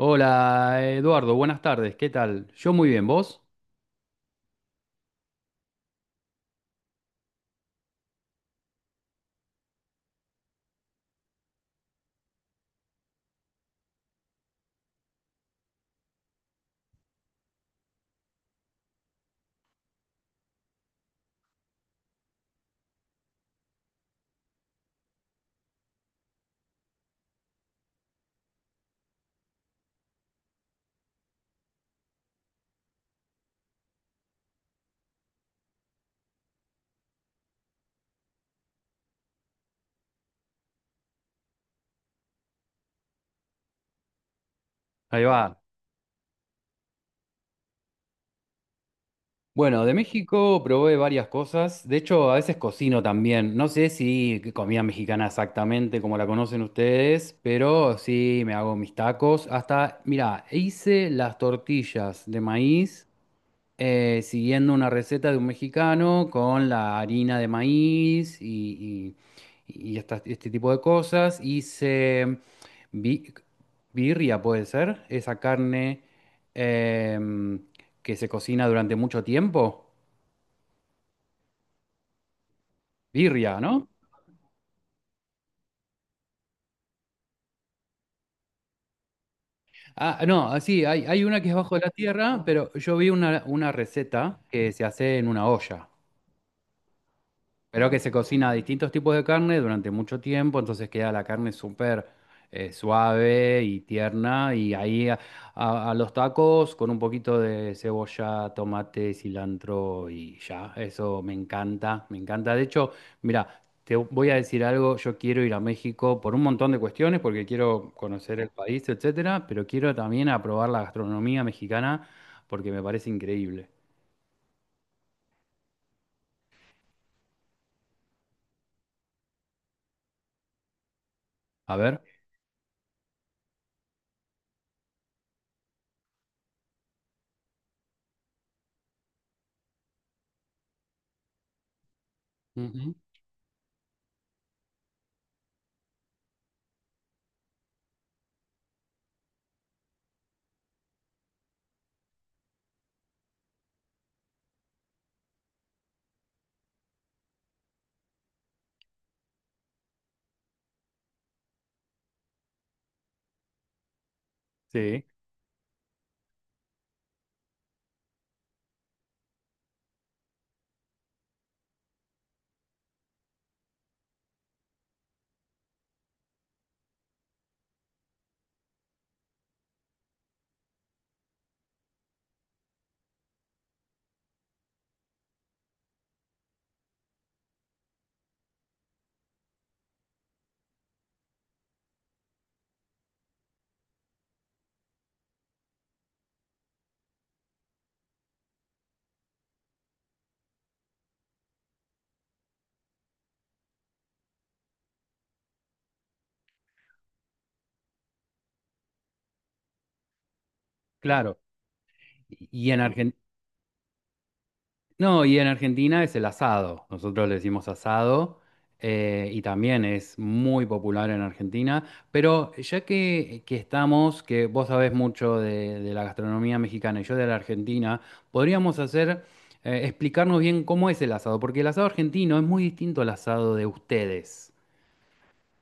Hola Eduardo, buenas tardes, ¿qué tal? Yo muy bien, ¿vos? Ahí va. Bueno, de México probé varias cosas, de hecho a veces cocino también, no sé si comida mexicana exactamente como la conocen ustedes, pero sí me hago mis tacos, hasta, mira, hice las tortillas de maíz siguiendo una receta de un mexicano con la harina de maíz y este tipo de cosas. Hice bi- birria, puede ser, esa carne em, que se cocina durante mucho tiempo. Birria, ¿no? Ah, no, así, hay una que es bajo la tierra, pero yo vi una receta que se hace en una olla. Pero que se cocina distintos tipos de carne durante mucho tiempo, entonces queda la carne súper suave y tierna. Y a los tacos con un poquito de cebolla, tomate, cilantro y ya. Eso me encanta, me encanta. De hecho, mira, te voy a decir algo. Yo quiero ir a México por un montón de cuestiones, porque quiero conocer el país, etcétera, pero quiero también a probar la gastronomía mexicana porque me parece increíble. A ver. Ujú. Sí, claro. Y en Argentina. No, y en Argentina es el asado. Nosotros le decimos asado y también es muy popular en Argentina. Pero ya que estamos, que vos sabés mucho de la gastronomía mexicana y yo de la Argentina, podríamos hacer, explicarnos bien cómo es el asado, porque el asado argentino es muy distinto al asado de ustedes.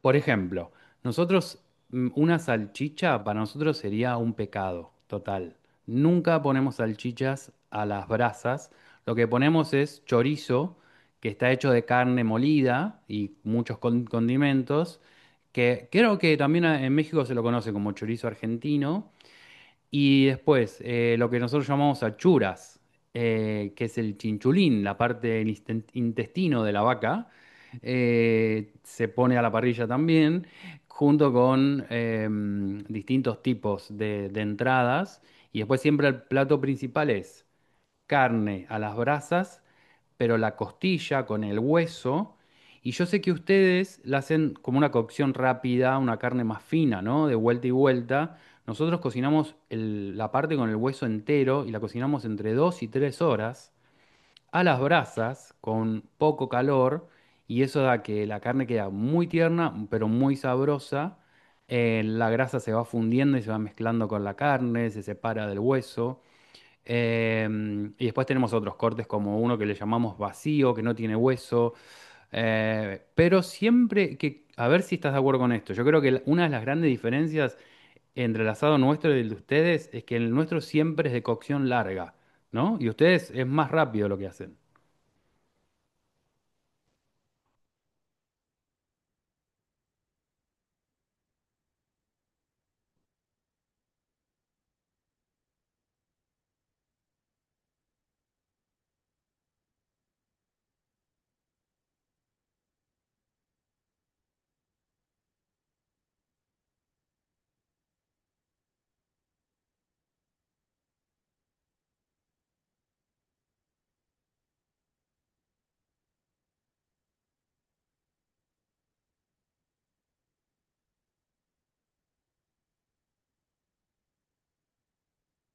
Por ejemplo, nosotros, una salchicha para nosotros sería un pecado total. Nunca ponemos salchichas a las brasas. Lo que ponemos es chorizo, que está hecho de carne molida y muchos condimentos, que creo que también en México se lo conoce como chorizo argentino. Y después, lo que nosotros llamamos achuras, que es el chinchulín, la parte del intestino de la vaca, se pone a la parrilla también, junto con distintos tipos de entradas. Y después siempre el plato principal es carne a las brasas pero la costilla con el hueso. Y yo sé que ustedes la hacen como una cocción rápida, una carne más fina, ¿no? De vuelta y vuelta. Nosotros cocinamos la parte con el hueso entero y la cocinamos entre 2 y 3 horas a las brasas con poco calor y eso da que la carne queda muy tierna pero muy sabrosa. La grasa se va fundiendo y se va mezclando con la carne, se separa del hueso. Y después tenemos otros cortes como uno que le llamamos vacío, que no tiene hueso. Pero siempre que, a ver si estás de acuerdo con esto, yo creo que una de las grandes diferencias entre el asado nuestro y el de ustedes es que el nuestro siempre es de cocción larga, ¿no? Y ustedes es más rápido lo que hacen.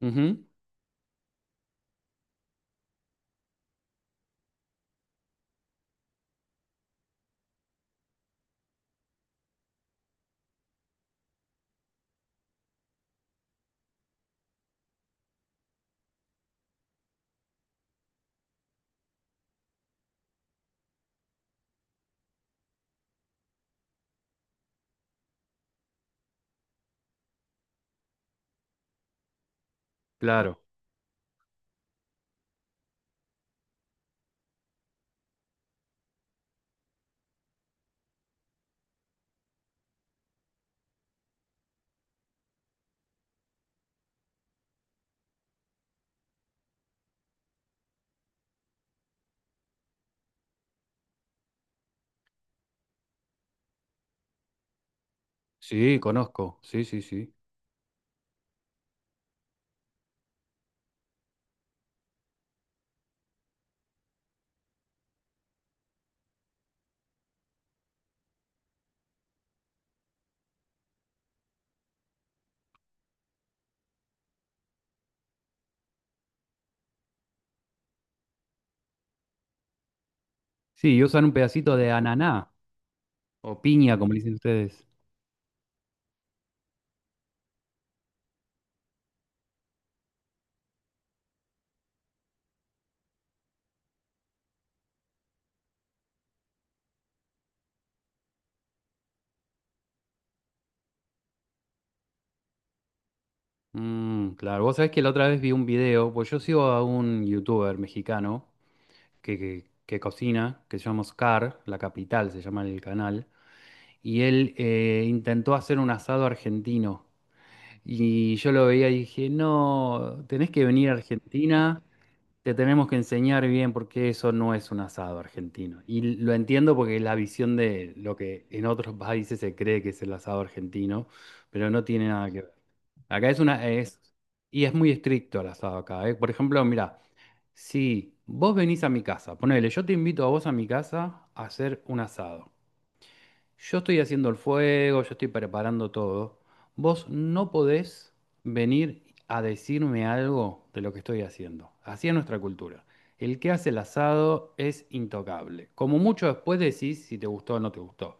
Ujú. Claro. Sí, conozco. Sí, sí, sí. Sí, y usan un pedacito de ananá o piña, como le dicen ustedes. Mm, claro, vos sabés que la otra vez vi un video, pues yo sigo a un youtuber mexicano que cocina, que se llama Oscar, La Capital se llama el canal, y él intentó hacer un asado argentino. Y yo lo veía y dije, no, tenés que venir a Argentina, te tenemos que enseñar bien porque eso no es un asado argentino. Y lo entiendo porque es la visión de lo que en otros países se cree que es el asado argentino, pero no tiene nada que ver. Acá es es, y es muy estricto el asado acá, ¿eh? Por ejemplo, mira, si vos venís a mi casa, ponele, yo te invito a vos a mi casa a hacer un asado. Yo estoy haciendo el fuego, yo estoy preparando todo. Vos no podés venir a decirme algo de lo que estoy haciendo. Así es nuestra cultura. El que hace el asado es intocable. Como mucho después decís si te gustó o no te gustó,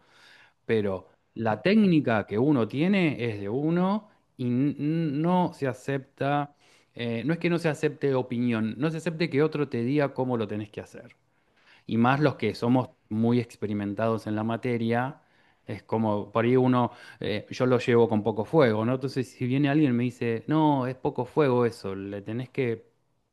pero la técnica que uno tiene es de uno y no se acepta, no es que no se acepte opinión, no se acepte que otro te diga cómo lo tenés que hacer y más los que somos muy experimentados en la materia, es como, por ahí uno, yo lo llevo con poco fuego, ¿no? Entonces, si viene alguien y me dice, no, es poco fuego eso, le tenés que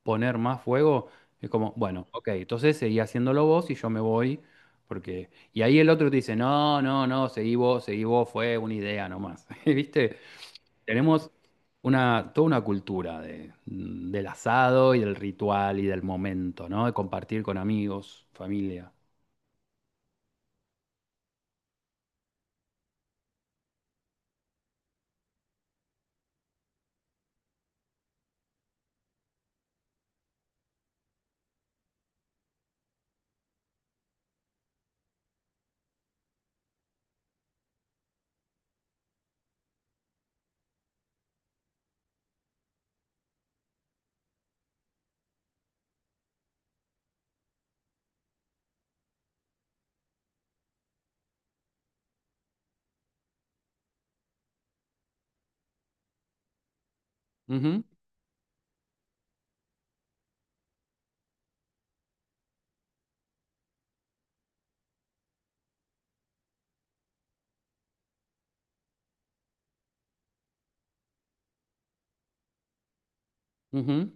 poner más fuego, es como, bueno, ok, entonces seguí haciéndolo vos y yo me voy, porque... Y ahí el otro te dice, no, no, no, seguí vos, fue una idea nomás, ¿viste? Tenemos una, toda una cultura de, del asado y del ritual y del momento, ¿no? De compartir con amigos, familia. Ujú, ujú.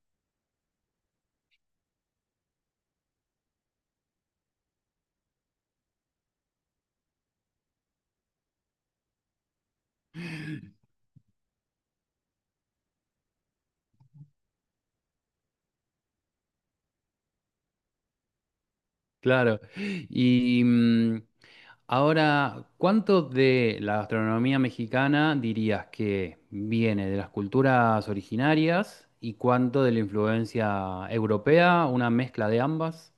Claro. Y ahora, ¿cuánto de la gastronomía mexicana dirías que viene de las culturas originarias y cuánto de la influencia europea, una mezcla de ambas?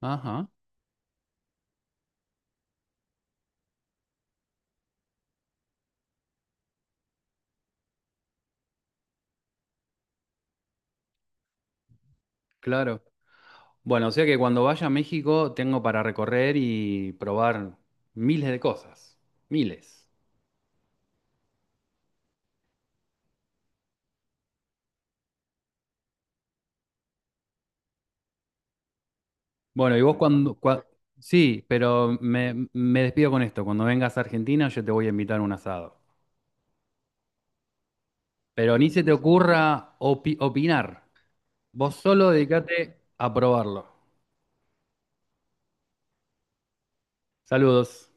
Ajá, claro. Bueno, o sea que cuando vaya a México tengo para recorrer y probar miles de cosas, miles. Bueno, y vos Bueno, cuando... cua- sí, pero me despido con esto. Cuando vengas a Argentina yo te voy a invitar a un asado. Pero ni se te ocurra opinar. Vos solo dedicate a probarlo. Saludos.